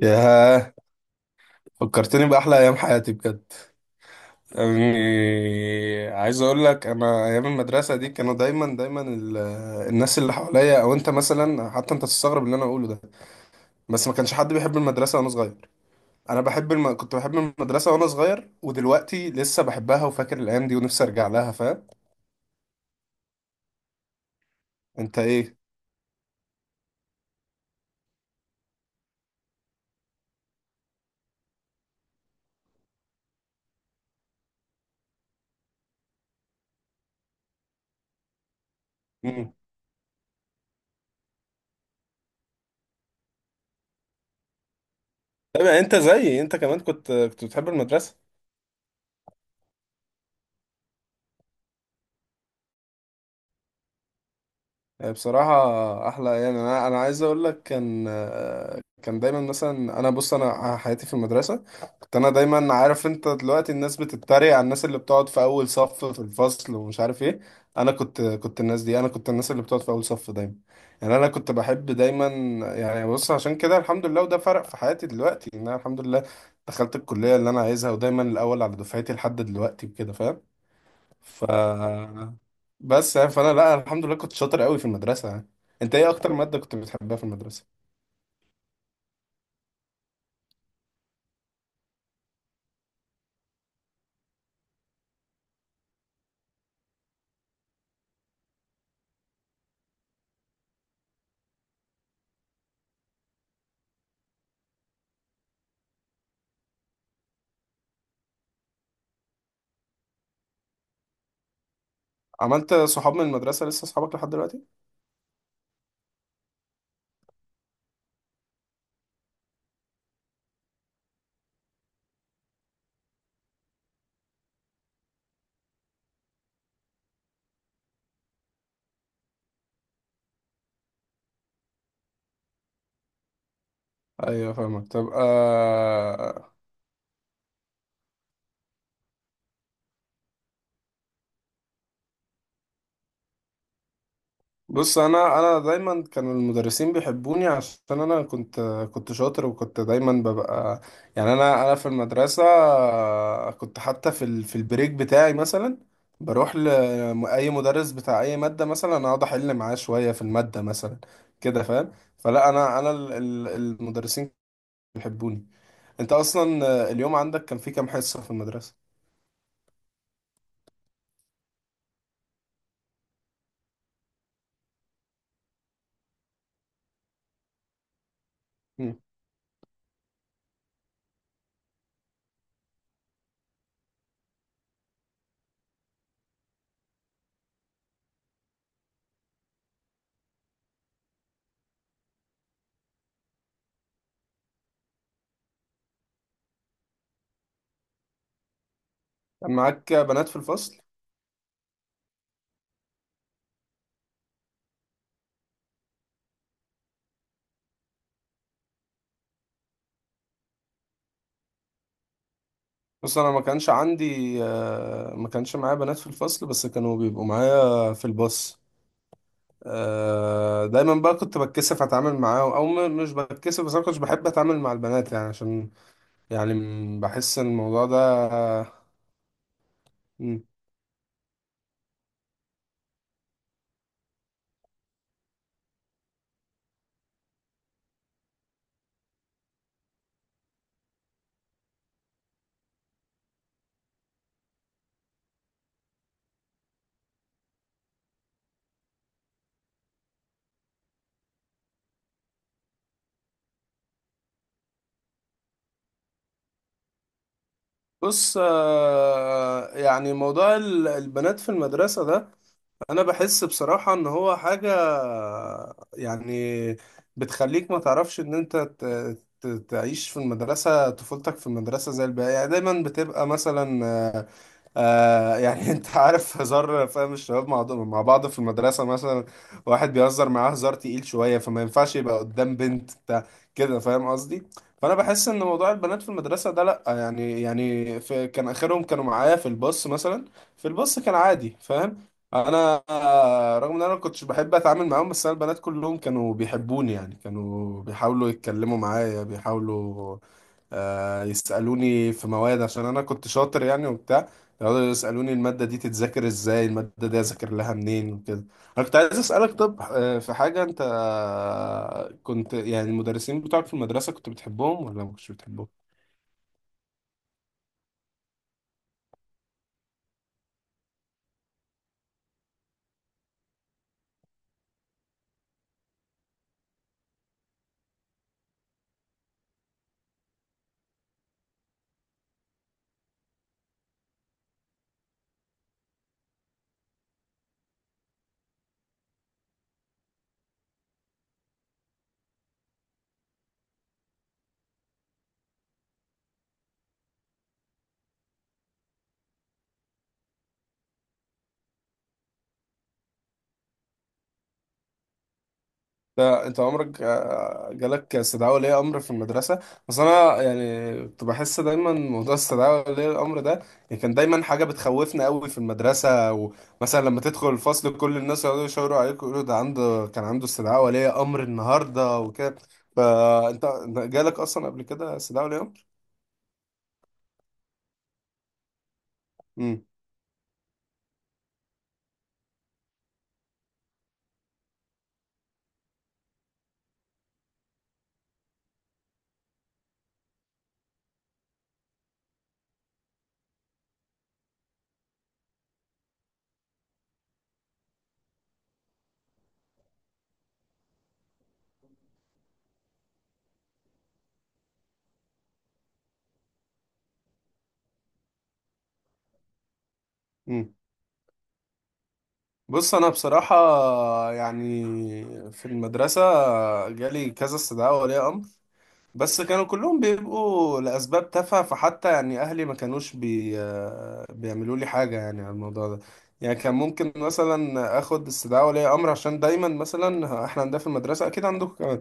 ياه، فكرتني بأحلى أيام حياتي بجد. يعني عايز أقول لك أنا أيام المدرسة دي كانوا دايما الناس اللي حواليا أو أنت مثلا حتى أنت تستغرب اللي أنا أقوله ده. بس ما كانش حد بيحب المدرسة وأنا صغير. أنا بحب كنت بحب المدرسة وأنا صغير، ودلوقتي لسه بحبها وفاكر الأيام دي ونفسي أرجع لها، فاهم؟ أنت إيه؟ مم. طب يعني أنت زيي، أنت كمان كنت بتحب المدرسة. آه، بصراحة أحلى، يعني أنا عايز أقول لك كان آه، كان دايما مثلا أنا بص، أنا حياتي في المدرسة كنت أنا دايما عارف. أنت دلوقتي الناس بتتريق على الناس اللي بتقعد في أول صف في الفصل ومش عارف إيه. أنا كنت الناس دي، أنا كنت الناس اللي بتقعد في أول صف دايما. يعني أنا كنت بحب دايما. يعني بص، عشان كده الحمد لله، وده فرق في حياتي دلوقتي إن أنا الحمد لله دخلت الكلية اللي أنا عايزها، ودايما الأول على دفعتي لحد دلوقتي وكده، فاهم؟ ف بس يعني فانا لا الحمد لله كنت شاطر قوي في المدرسه يعني. انت ايه اكتر ماده كنت بتحبها في المدرسه؟ عملت صحاب من المدرسه لسه صحابك لحد دلوقتي؟ ايوه فاهمك. طب بص انا دايما كانوا المدرسين بيحبوني عشان انا كنت شاطر، وكنت دايما ببقى، يعني انا في المدرسه آه، كنت حتى في البريك بتاعي مثلا بروح لاي مدرس بتاع اي ماده مثلا اقعد احل معاه شويه في الماده مثلا، كده فاهم؟ فلا انا المدرسين بيحبوني. انت اصلا آه، اليوم عندك كان فيه كام حصه في المدرسه؟ مم. كان معاك بنات في الفصل؟ بص انا ما كانش عندي آه، ما كانش معايا بنات في الفصل بس كانوا بيبقوا معايا في الباص. آه، دايما بقى كنت بتكسف اتعامل معاهم او مش بتكسف، بس انا كنتش بحب اتعامل مع البنات يعني عشان، يعني بحس ان الموضوع ده... مم. بص آه، يعني موضوع البنات في المدرسة ده انا بحس بصراحة ان هو حاجة يعني بتخليك ما تعرفش ان انت تعيش في المدرسة، طفولتك في المدرسة زي الباقي. يعني دايما بتبقى مثلا آه يعني انت عارف هزار، فاهم؟ الشباب مع بعض في المدرسة مثلا واحد بيهزر معاه هزار تقيل شوية، فما ينفعش يبقى قدام بنت بتاع، كده فاهم قصدي؟ فانا بحس ان موضوع البنات في المدرسة ده لا، يعني يعني في كان اخرهم كانوا معايا في الباص مثلا، في الباص كان عادي، فاهم؟ انا آه، رغم ان انا ما كنتش بحب اتعامل معاهم بس انا البنات كلهم كانوا بيحبوني يعني، كانوا بيحاولوا يتكلموا معايا، بيحاولوا آه، يسألوني في مواد عشان انا كنت شاطر يعني وبتاع، يقعدوا يسألوني المادة دي تتذاكر ازاي، المادة دي اذاكر لها منين وكده. انا كنت عايز اسألك، طب آه، في حاجة انت آه، كنت يعني المدرسين بتوعك في المدرسة كنت بتحبهم ولا ما كنتش بتحبهم؟ لا انت عمرك آه، جالك استدعاء ولي امر في المدرسه؟ بس انا يعني كنت بحس دايما موضوع استدعاء ولي الامر ده، يعني كان دايما حاجه بتخوفنا قوي في المدرسه، ومثلا لما تدخل الفصل كل الناس يقعدوا يشاوروا عليك ويقولوا ده عنده كان عنده استدعاء ولي امر النهارده وكده. فانت انت جالك اصلا قبل كده استدعاء ولي امر؟ امم. امم. بص انا بصراحه يعني في المدرسه جالي كذا استدعاء ولي امر، بس كانوا كلهم بيبقوا لأسباب تافهة، فحتى يعني أهلي ما كانوش آه، بيعملوا لي حاجة يعني على الموضوع ده. يعني كان ممكن مثلا آخد استدعاء ولي أمر عشان دايما مثلا إحنا عندنا في المدرسة، أكيد عندكم كمان،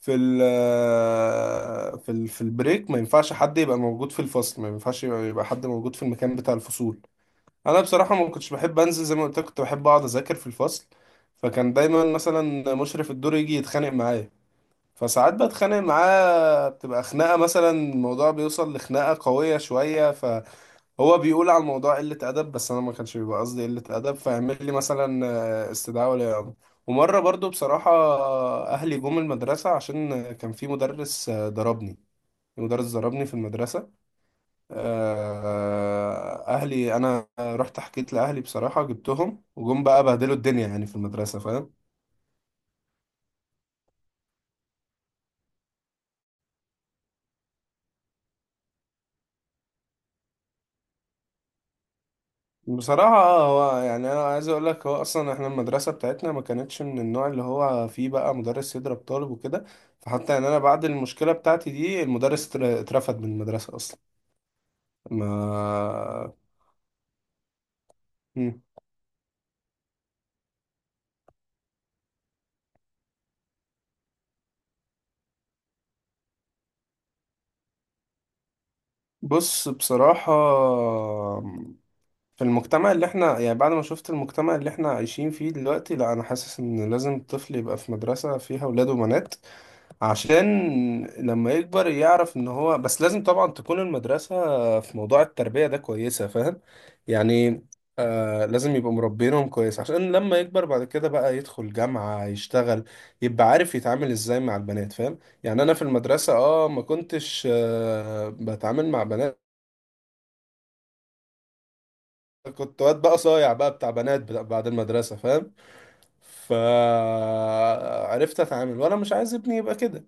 في ال آه، في ال في البريك ما ينفعش حد يبقى موجود في الفصل، ما ينفعش يبقى حد موجود في المكان بتاع الفصول. انا بصراحة ما كنتش بحب انزل، زي ما قلت لك كنت بحب اقعد اذاكر في الفصل. فكان دايما مثلا مشرف الدور يجي يتخانق معايا، فساعات بتخانق معاه بتبقى خناقة، مثلا الموضوع بيوصل لخناقة قوية شوية، فهو بيقول على الموضوع قلة أدب، بس أنا ما كانش بيبقى قصدي قلة أدب، فيعمل لي مثلا آه، استدعاء ولي أمر. ومرة برضو بصراحة آه، أهلي جم المدرسة عشان كان في مدرس آه، ضربني. مدرس ضربني في المدرسة. آه، آه، أهلي أنا رحت حكيت لأهلي بصراحة، جبتهم وجم بقى بهدلوا الدنيا يعني في المدرسة، فاهم؟ بصراحة اه هو يعني أنا عايز أقول لك هو أصلا إحنا المدرسة بتاعتنا ما كانتش من النوع اللي هو فيه بقى مدرس يضرب طالب وكده. فحتى يعني أنا بعد المشكلة بتاعتي دي المدرس اترفد من المدرسة أصلا. ما مم. بص بصراحة في المجتمع اللي إحنا يعني بعد ما شفت المجتمع اللي إحنا عايشين فيه دلوقتي لا أنا حاسس إن لازم الطفل يبقى في مدرسة فيها ولاد وبنات، عشان لما يكبر يعرف ان هو، بس لازم طبعا تكون المدرسة في موضوع التربية ده كويسة، فاهم؟ يعني آه لازم يبقوا مربينهم كويس عشان لما يكبر بعد كده بقى يدخل جامعة يشتغل يبقى عارف يتعامل ازاي مع البنات، فاهم؟ يعني انا في المدرسة اه ما كنتش آه بتعامل مع بنات، كنت واد بقى صايع بقى بتاع بنات بعد المدرسة، فاهم؟ فعرفت اتعامل، وانا مش عايز ابني يبقى كده.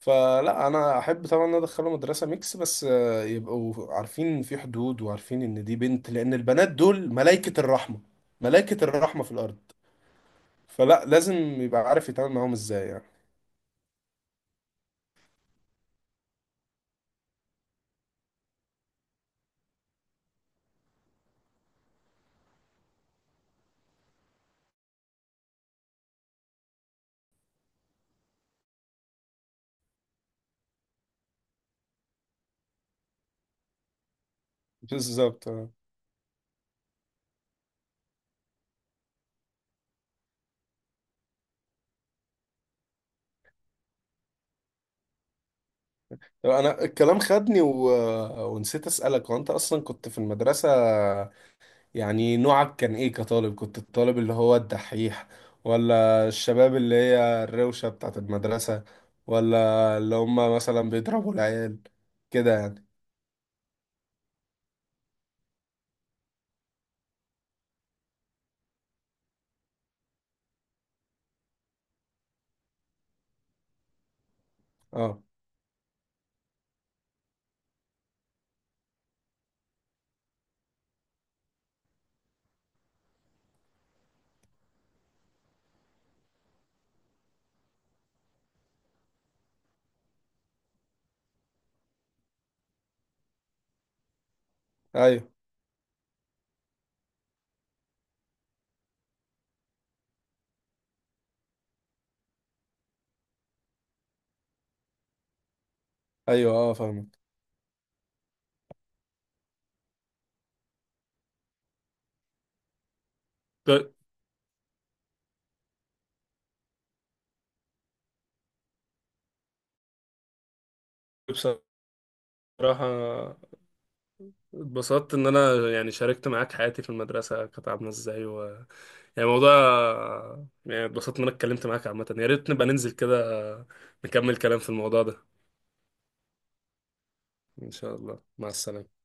فلا انا احب طبعا ان أنا ادخله مدرسه ميكس بس آه، يبقوا عارفين في حدود وعارفين ان دي بنت، لان البنات دول ملائكه الرحمه، ملائكه الرحمه في الارض. فلا لازم يبقى عارف يتعامل معاهم ازاي يعني. بالظبط آه. طب انا الكلام خدني ونسيت اسالك، وانت اصلا كنت في المدرسه يعني نوعك كان ايه كطالب؟ كنت الطالب اللي هو الدحيح، ولا الشباب اللي هي الروشه بتاعت المدرسه، ولا اللي هم مثلا بيضربوا العيال كده يعني؟ اه. ايوه. ايوه اه فاهمك. ب- بصراحة اتبسطت إن أنا يعني شاركت معاك حياتي في المدرسة كانت عاملة إزاي يعني موضوع، يعني اتبسطت إن أنا اتكلمت معاك عامة. يا ريت نبقى ننزل كده نكمل كلام في الموضوع ده. إن شاء الله، مع السلامة.